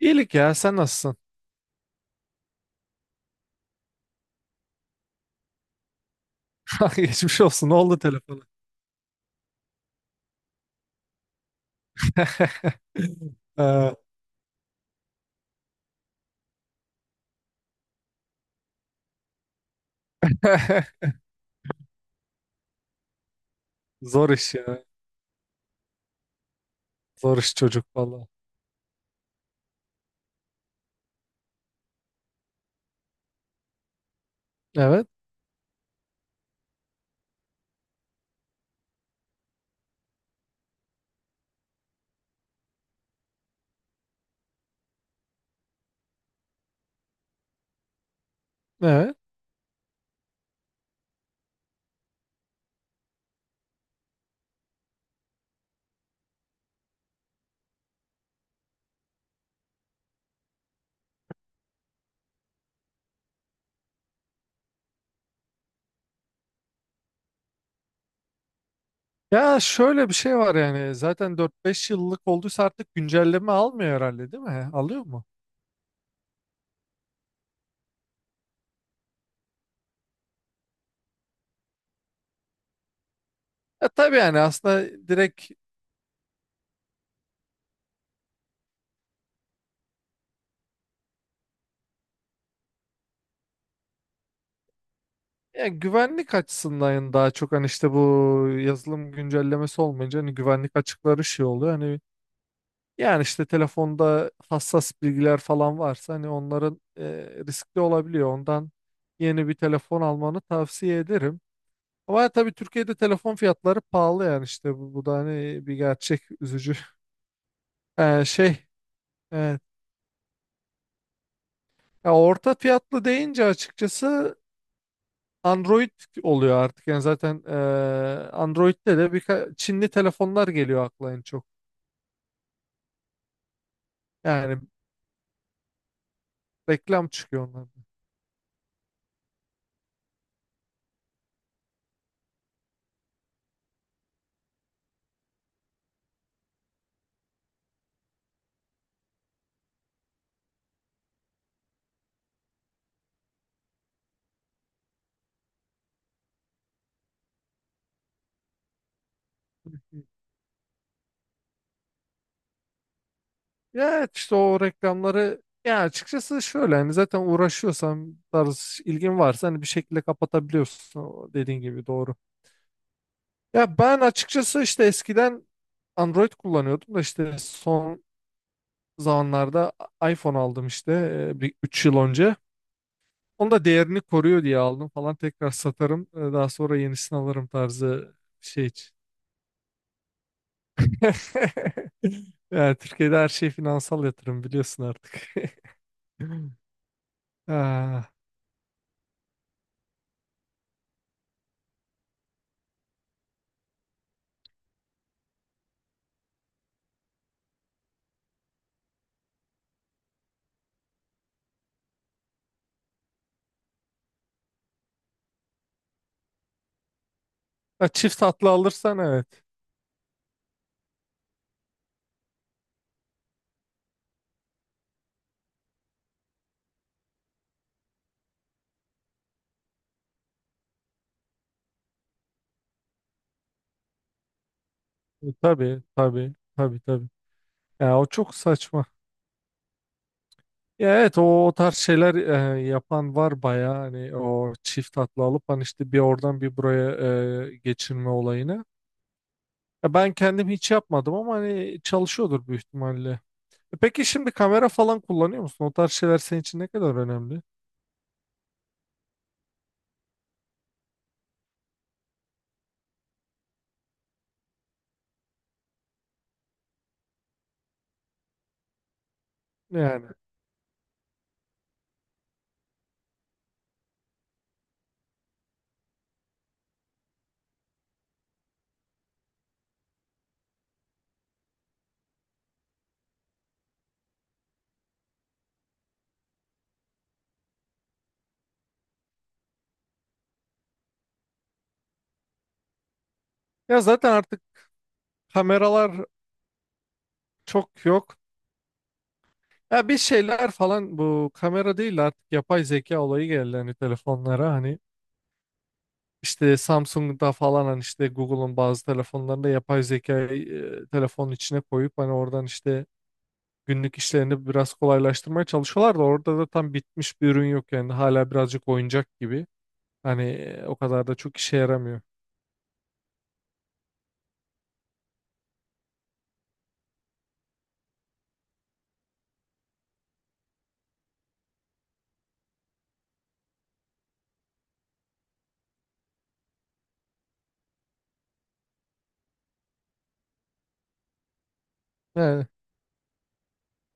İyilik ya, sen nasılsın? Geçmiş olsun, ne oldu telefonu? Ee, zor iş ya. Zor iş çocuk, valla. Evet, evet. Ya şöyle bir şey var, yani zaten 4-5 yıllık olduysa artık güncelleme almıyor herhalde, değil mi? Alıyor mu? Ya tabii, yani aslında direkt, ya güvenlik açısından daha çok hani işte bu yazılım güncellemesi olmayınca hani güvenlik açıkları şey oluyor. Hani, yani işte telefonda hassas bilgiler falan varsa hani onların riskli olabiliyor. Ondan yeni bir telefon almanı tavsiye ederim. Ama tabii Türkiye'de telefon fiyatları pahalı, yani işte bu da hani bir gerçek, üzücü. E, şey evet. Ya orta fiyatlı deyince açıkçası Android oluyor artık. Yani zaten Android'de de birkaç Çinli telefonlar geliyor akla en çok. Yani reklam çıkıyor. Ya evet, işte o reklamları, ya açıkçası şöyle hani zaten uğraşıyorsan tarz ilgin varsa hani bir şekilde kapatabiliyorsun, o dediğin gibi, doğru. Ya ben açıkçası işte eskiden Android kullanıyordum da işte son zamanlarda iPhone aldım işte bir 3 yıl önce. Onu da değerini koruyor diye aldım falan, tekrar satarım daha sonra yenisini alırım tarzı şey için. Yani Türkiye'de her şey finansal yatırım, biliyorsun artık. Ah. Ha, çift tatlı alırsan evet. Tabii, tabii, tabii, tabii. Ya o çok saçma. Ya evet, o tarz şeyler yapan var bayağı, hani o çift tatlı alıp hani işte bir oradan bir buraya geçirme olayını. Ya ben kendim hiç yapmadım ama hani çalışıyordur büyük ihtimalle. Peki, şimdi kamera falan kullanıyor musun? O tarz şeyler senin için ne kadar önemli? Yani. Ya zaten artık kameralar çok yok. Ya bir şeyler falan, bu kamera değil artık yapay zeka olayı geldi hani telefonlara, hani işte Samsung'da falan, hani işte Google'un bazı telefonlarında yapay zekayı telefonun içine koyup hani oradan işte günlük işlerini biraz kolaylaştırmaya çalışıyorlar da orada da tam bitmiş bir ürün yok, yani hala birazcık oyuncak gibi, hani o kadar da çok işe yaramıyor. Yani,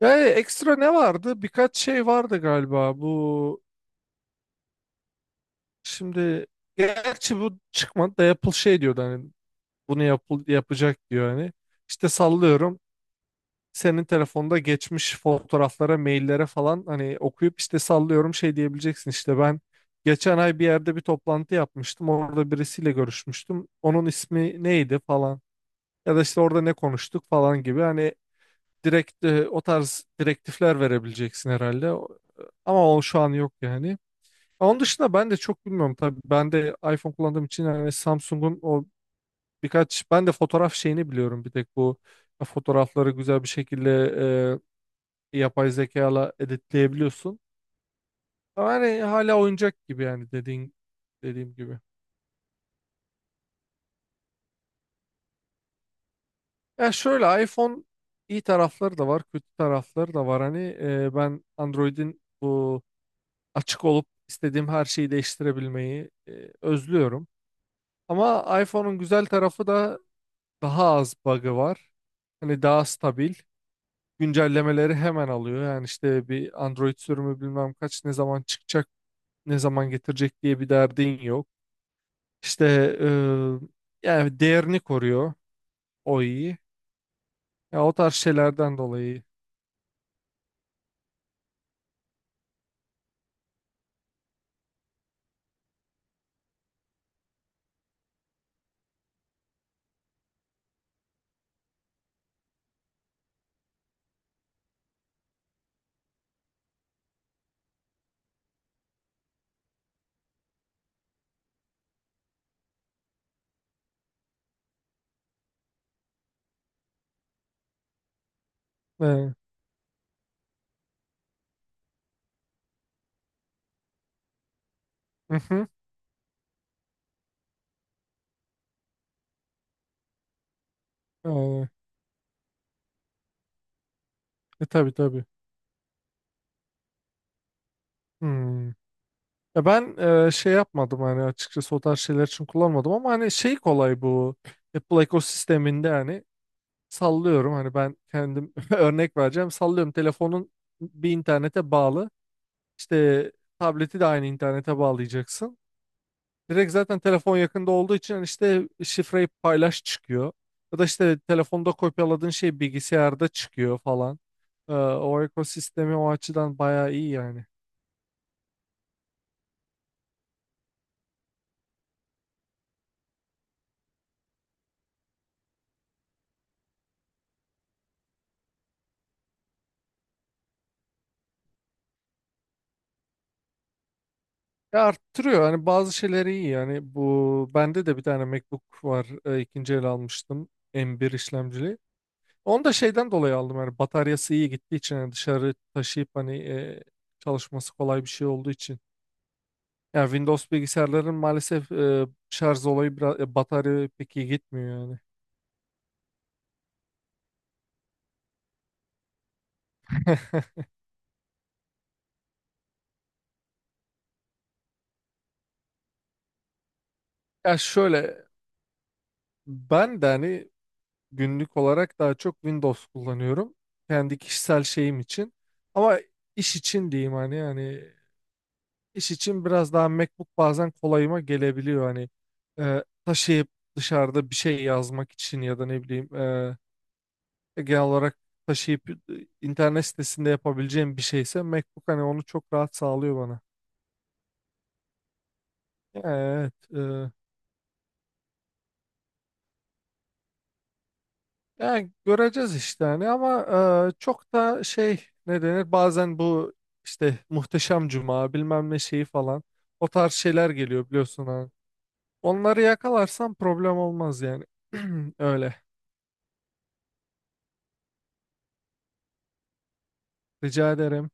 yani, ekstra ne vardı? Birkaç şey vardı galiba, bu şimdi, gerçi bu çıkmadı da Apple şey diyordu hani bunu yapacak diyor hani. İşte sallıyorum, senin telefonda geçmiş fotoğraflara, maillere falan hani okuyup işte sallıyorum şey diyebileceksin, işte ben geçen ay bir yerde bir toplantı yapmıştım, orada birisiyle görüşmüştüm, onun ismi neydi falan, ya da işte orada ne konuştuk falan gibi, hani direkt o tarz direktifler verebileceksin herhalde. Ama o şu an yok yani. Onun dışında ben de çok bilmiyorum tabii. Ben de iPhone kullandığım için, yani Samsung'un o birkaç, ben de fotoğraf şeyini biliyorum, bir tek bu fotoğrafları güzel bir şekilde yapay zekayla editleyebiliyorsun. Ama hani hala oyuncak gibi, yani dediğim gibi. Ya şöyle, iPhone iyi tarafları da var, kötü tarafları da var. Hani ben Android'in bu açık olup istediğim her şeyi değiştirebilmeyi özlüyorum. Ama iPhone'un güzel tarafı da daha az bug'ı var. Hani daha stabil. Güncellemeleri hemen alıyor. Yani işte bir Android sürümü bilmem kaç ne zaman çıkacak, ne zaman getirecek diye bir derdin yok. İşte yani değerini koruyor, o iyi. Ya o tarz şeylerden dolayı. E, hı hı, e, tabii, tabii. Hmm. Ya ben şey yapmadım hani, açıkçası o tarz şeyler için kullanmadım, ama hani şey kolay bu Apple ekosisteminde. Hani sallıyorum, hani ben kendim örnek vereceğim, sallıyorum telefonun bir internete bağlı, İşte tableti de aynı internete bağlayacaksın. Direkt zaten telefon yakında olduğu için hani işte şifreyi paylaş çıkıyor. Ya da işte telefonda kopyaladığın şey bilgisayarda çıkıyor falan. O ekosistemi o açıdan bayağı iyi yani. Ya arttırıyor, hani bazı şeyleri iyi, yani bu bende de bir tane MacBook var, ikinci el almıştım, M1 işlemcili. Onu da şeyden dolayı aldım, yani bataryası iyi gittiği için, yani dışarı taşıyıp hani çalışması kolay bir şey olduğu için. Ya Windows bilgisayarların maalesef şarj olayı biraz batarya pek iyi gitmiyor yani. Ya şöyle, ben de hani günlük olarak daha çok Windows kullanıyorum, kendi kişisel şeyim için. Ama iş için diyeyim hani, yani iş için biraz daha MacBook bazen kolayıma gelebiliyor, hani taşıyıp dışarıda bir şey yazmak için, ya da ne bileyim genel olarak taşıyıp internet sitesinde yapabileceğim bir şeyse MacBook hani onu çok rahat sağlıyor bana. Evet. Yani göreceğiz işte hani, ama çok da şey, ne denir bazen bu işte Muhteşem Cuma bilmem ne şeyi falan, o tarz şeyler geliyor biliyorsun hani. Onları yakalarsam problem olmaz yani. Öyle. Rica ederim.